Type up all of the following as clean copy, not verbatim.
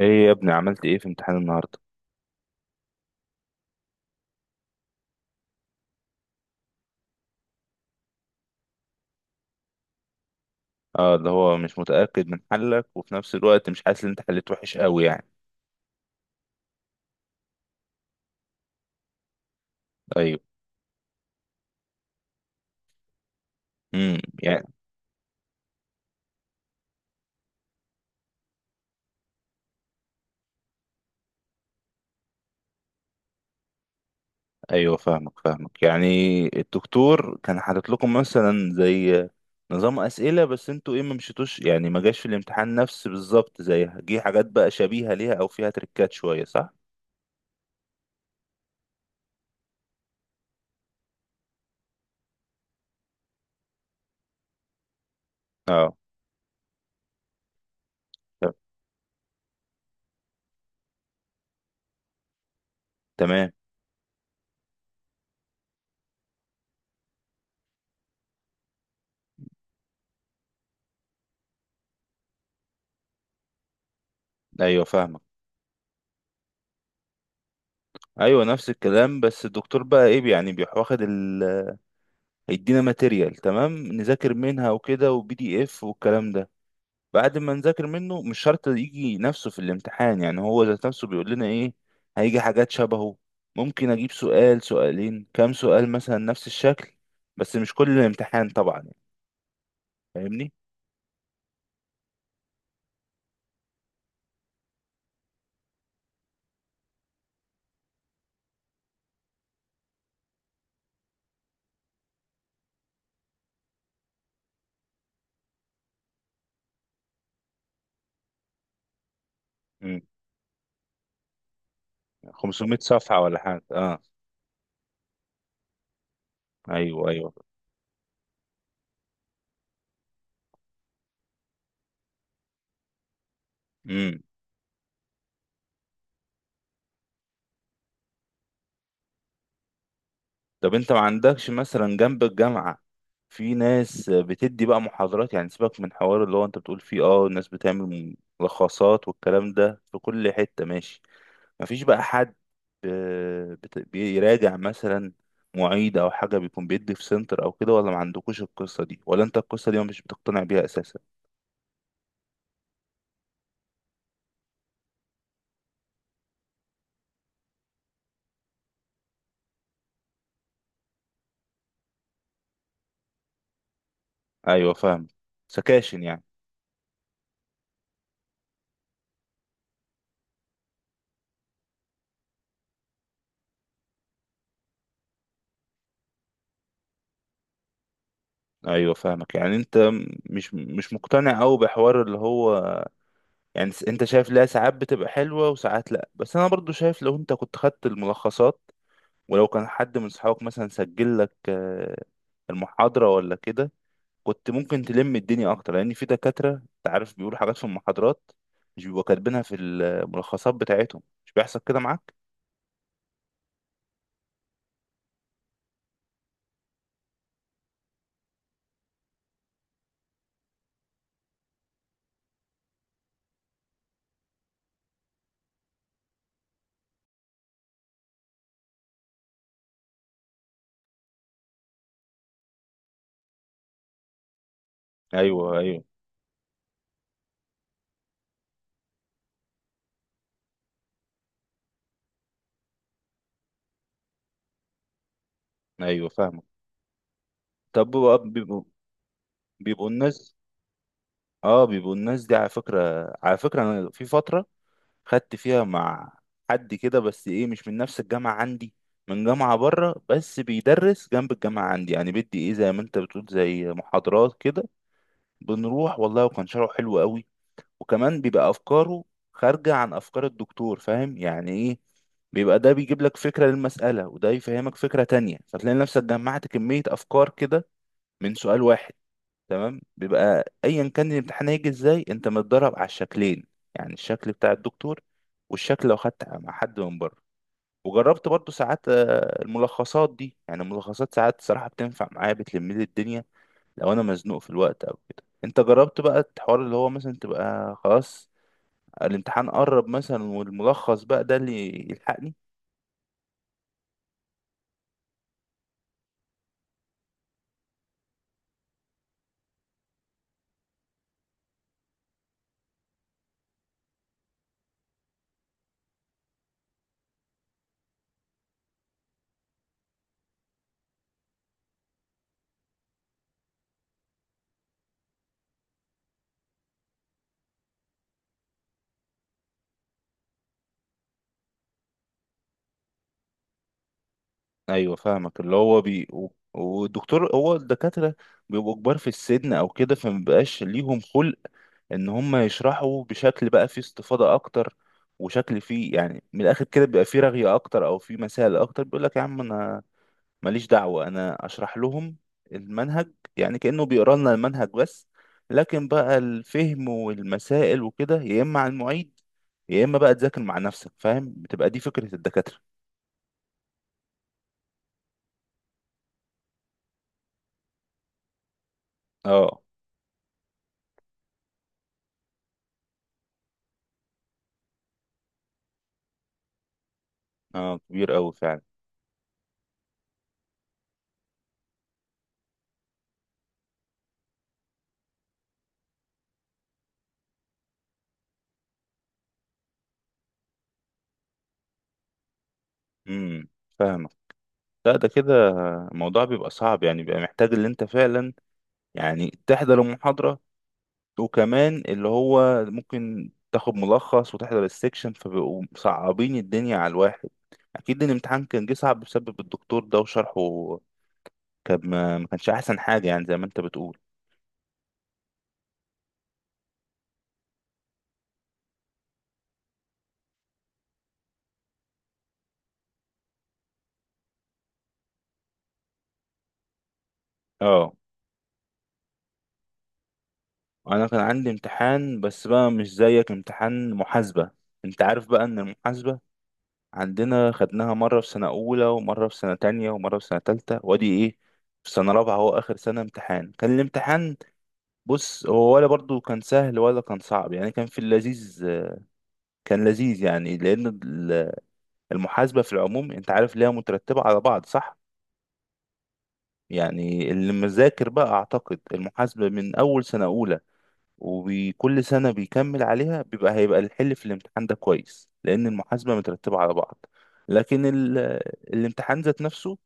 ايه يا ابني عملت ايه في امتحان النهارده؟ اه، اللي هو مش متأكد من حلك وفي نفس الوقت مش حاسس ان انت حليت وحش قوي يعني. ايوه. يعني. ايوه فاهمك يعني. الدكتور كان حاطط لكم مثلا زي نظام أسئلة، بس انتوا ايه، ما مشيتوش يعني، ما جاش في الامتحان نفس بالظبط زيها، جه حاجات بقى شبيهة ليها او فيها تريكات شوية، صح. اه، ت- تمام. ايوه فاهمك. ايوه نفس الكلام، بس الدكتور بقى ايه يعني، بيواخد ال، هيدينا ماتيريال تمام نذاكر منها وكده، وبي دي اف والكلام ده. بعد ما نذاكر منه مش شرط يجي نفسه في الامتحان، يعني هو ذات نفسه بيقول لنا ايه، هيجي حاجات شبهه، ممكن اجيب سؤال سؤالين كام سؤال مثلا نفس الشكل، بس مش كل الامتحان طبعا يعني. فاهمني. امم 500 صفحة ولا حاجة؟ اه. ايوه ايوه. طب انت ما عندكش مثلا جنب الجامعة في ناس بتدي بقى محاضرات؟ يعني سيبك من حوار اللي هو انت بتقول فيه، اه الناس بتعمل ملخصات والكلام ده في كل حتة، ماشي. ما فيش بقى حد، بيراجع مثلا، معيد او حاجة، بيكون بيدي في سنتر او كده؟ ولا ما عندكوش القصة دي، ولا انت القصة دي مش بتقتنع بيها اساسا؟ ايوه فاهم. سكاشن يعني. ايوه فاهمك يعني انت مش مقتنع قوي بحوار اللي هو، يعني انت شايف لها ساعات بتبقى حلوة وساعات لا، بس انا برضو شايف لو انت كنت خدت الملخصات، ولو كان حد من صحابك مثلا سجل لك المحاضرة ولا كده، كنت ممكن تلم الدنيا اكتر، لان في دكاترة انت عارف بيقولوا حاجات في المحاضرات مش بيبقوا كاتبينها في الملخصات بتاعتهم. مش بيحصل كده معاك؟ ايوه ايوه. ايوه فاهمك. طب بيبقوا الناس، اه بيبقوا الناس دي على فكرة، على فكرة انا في فترة خدت فيها مع حد كده، بس ايه مش من نفس الجامعة عندي، من جامعة بره بس بيدرس جنب الجامعة عندي، يعني بدي ايه زي ما انت بتقول زي محاضرات كده. بنروح والله، وكان شرحه حلو قوي، وكمان بيبقى افكاره خارجة عن افكار الدكتور. فاهم يعني ايه، بيبقى ده بيجيب لك فكرة للمسألة، وده يفهمك فكرة تانية، فتلاقي نفسك جمعت كمية افكار كده من سؤال واحد. تمام، بيبقى ايا كان الامتحان هيجي ازاي، انت متدرب على الشكلين، يعني الشكل بتاع الدكتور والشكل لو خدت مع حد من بره. وجربت برضو ساعات الملخصات دي، يعني الملخصات ساعات صراحة بتنفع معايا، بتلم لي الدنيا لو انا مزنوق في الوقت او كده. انت جربت بقى الحوار اللي هو مثلا تبقى خلاص الامتحان قرب مثلا والملخص بقى ده اللي يلحقني؟ ايوه فاهمك، اللي هو والدكتور، هو الدكاترة بيبقوا كبار في السن او كده، فمبقاش ليهم خلق ان هم يشرحوا بشكل بقى فيه استفاضة اكتر، وشكل فيه يعني من الاخر كده، بيبقى فيه رغية اكتر او فيه مسائل اكتر. بيقول لك يا عم انا ماليش دعوة، انا اشرح لهم المنهج، يعني كأنه بيقرا لنا المنهج بس، لكن بقى الفهم والمسائل وكده يا اما على المعيد يا اما بقى تذاكر مع نفسك. فاهم، بتبقى دي فكرة الدكاترة. اه. اه كبير قوي فعلا. امم فاهمك. لا ده كده الموضوع بيبقى صعب، يعني بيبقى محتاج اللي انت فعلا يعني تحضر المحاضرة، وكمان اللي هو ممكن تاخد ملخص وتحضر السكشن، فبيبقوا صعبين الدنيا على الواحد. اكيد الامتحان كان جه صعب بسبب الدكتور ده وشرحه، كان ما كانش احسن حاجة يعني زي ما انت بتقول. اه انا كان عندي امتحان، بس بقى مش زيك، امتحان محاسبة. انت عارف بقى ان المحاسبة عندنا خدناها مرة في سنة اولى ومرة في سنة تانية ومرة في سنة تالتة، وادي ايه في سنة رابعة هو اخر سنة امتحان، كان الامتحان، بص هو ولا برضو كان سهل ولا كان صعب، يعني كان في اللذيذ، كان لذيذ يعني. لأن المحاسبة في العموم أنت عارف ليها مترتبة على بعض، صح؟ يعني اللي مذاكر بقى أعتقد المحاسبة من أول سنة أولى وكل سنة بيكمل عليها، بيبقى هيبقى الحل في الامتحان ده كويس، لأن المحاسبة مترتبة على بعض. لكن الامتحان ذات نفسه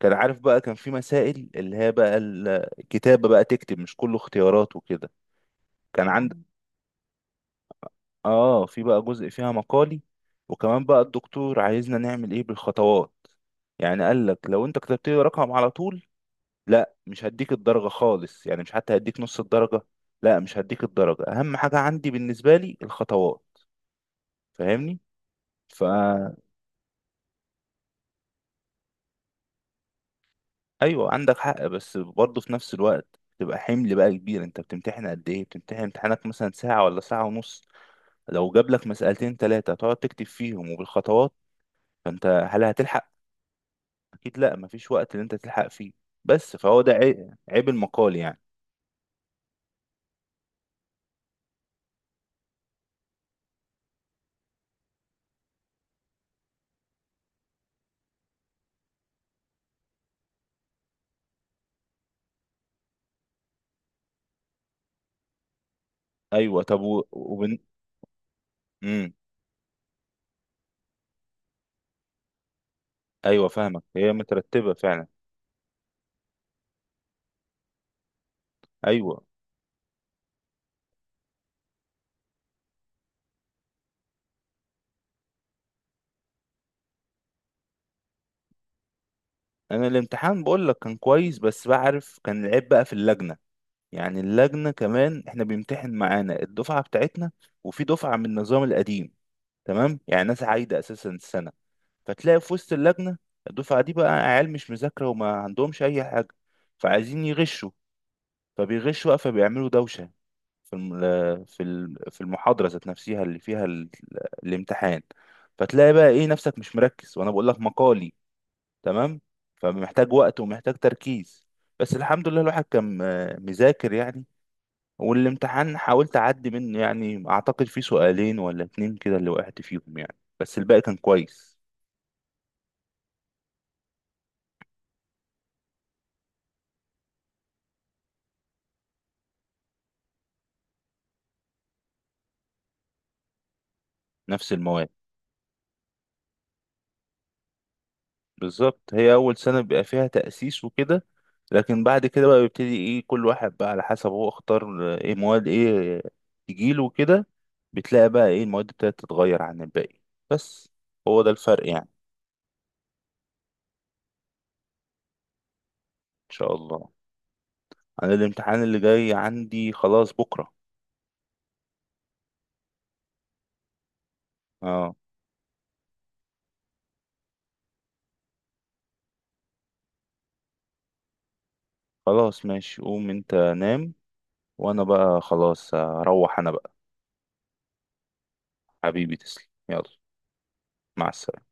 كان، عارف بقى، كان في مسائل اللي هي بقى الكتابة، بقى تكتب، مش كله اختيارات وكده. كان عند اه في بقى جزء فيها مقالي، وكمان بقى الدكتور عايزنا نعمل ايه بالخطوات. يعني قال لك لو انت كتبت لي رقم على طول، لا مش هديك الدرجة خالص، يعني مش حتى هديك نص الدرجة، لا مش هديك الدرجة، اهم حاجة عندي بالنسبة لي الخطوات. فاهمني؟ فا ايوه عندك حق، بس برضه في نفس الوقت تبقى حمل بقى كبير. انت بتمتحن قد ايه؟ بتمتحن امتحانك مثلا ساعة ولا ساعة ونص، لو جاب لك مسألتين ثلاثة تقعد تكتب فيهم وبالخطوات، فانت هل هتلحق؟ اكيد لا، مفيش وقت اللي انت تلحق فيه. بس فهو ده عيب، عيب المقال يعني. ايوه طب مم. ايوه فاهمك، هي مترتبه فعلا. ايوه انا الامتحان بقول لك كان كويس، بس بعرف كان العيب بقى في اللجنه. يعني اللجنه كمان، احنا بيمتحن معانا الدفعه بتاعتنا وفي دفعه من النظام القديم، تمام، يعني ناس عايده اساسا السنه، فتلاقي في وسط اللجنه الدفعه دي بقى عيال مش مذاكره وما عندهمش اي حاجه، فعايزين يغشوا، فبيغشوا بقى، فبيعملوا دوشه في المحاضرة ذات نفسها اللي فيها الامتحان. فتلاقي بقى ايه نفسك مش مركز، وانا بقول لك مقالي، تمام، فمحتاج وقت ومحتاج تركيز. بس الحمد لله الواحد كان مذاكر يعني، والامتحان حاولت اعدي منه، يعني اعتقد في سؤالين ولا اتنين كده اللي وقعت فيهم يعني، بس الباقي كان كويس. نفس المواد. بالظبط، هي أول سنة بيبقى فيها تأسيس وكده، لكن بعد كده بقى بيبتدي إيه كل واحد بقى على حسب هو اختار إيه مواد إيه تجيله كده. بتلاقي بقى إيه المواد ابتدت تتغير عن الباقي، بس هو ده الفرق يعني. إن شاء الله. أنا الامتحان اللي جاي عندي خلاص بكرة. أه. خلاص ماشي، قوم أنت نام، وأنا بقى خلاص هروح أنا بقى. حبيبي تسلم، يلا. مع السلامة.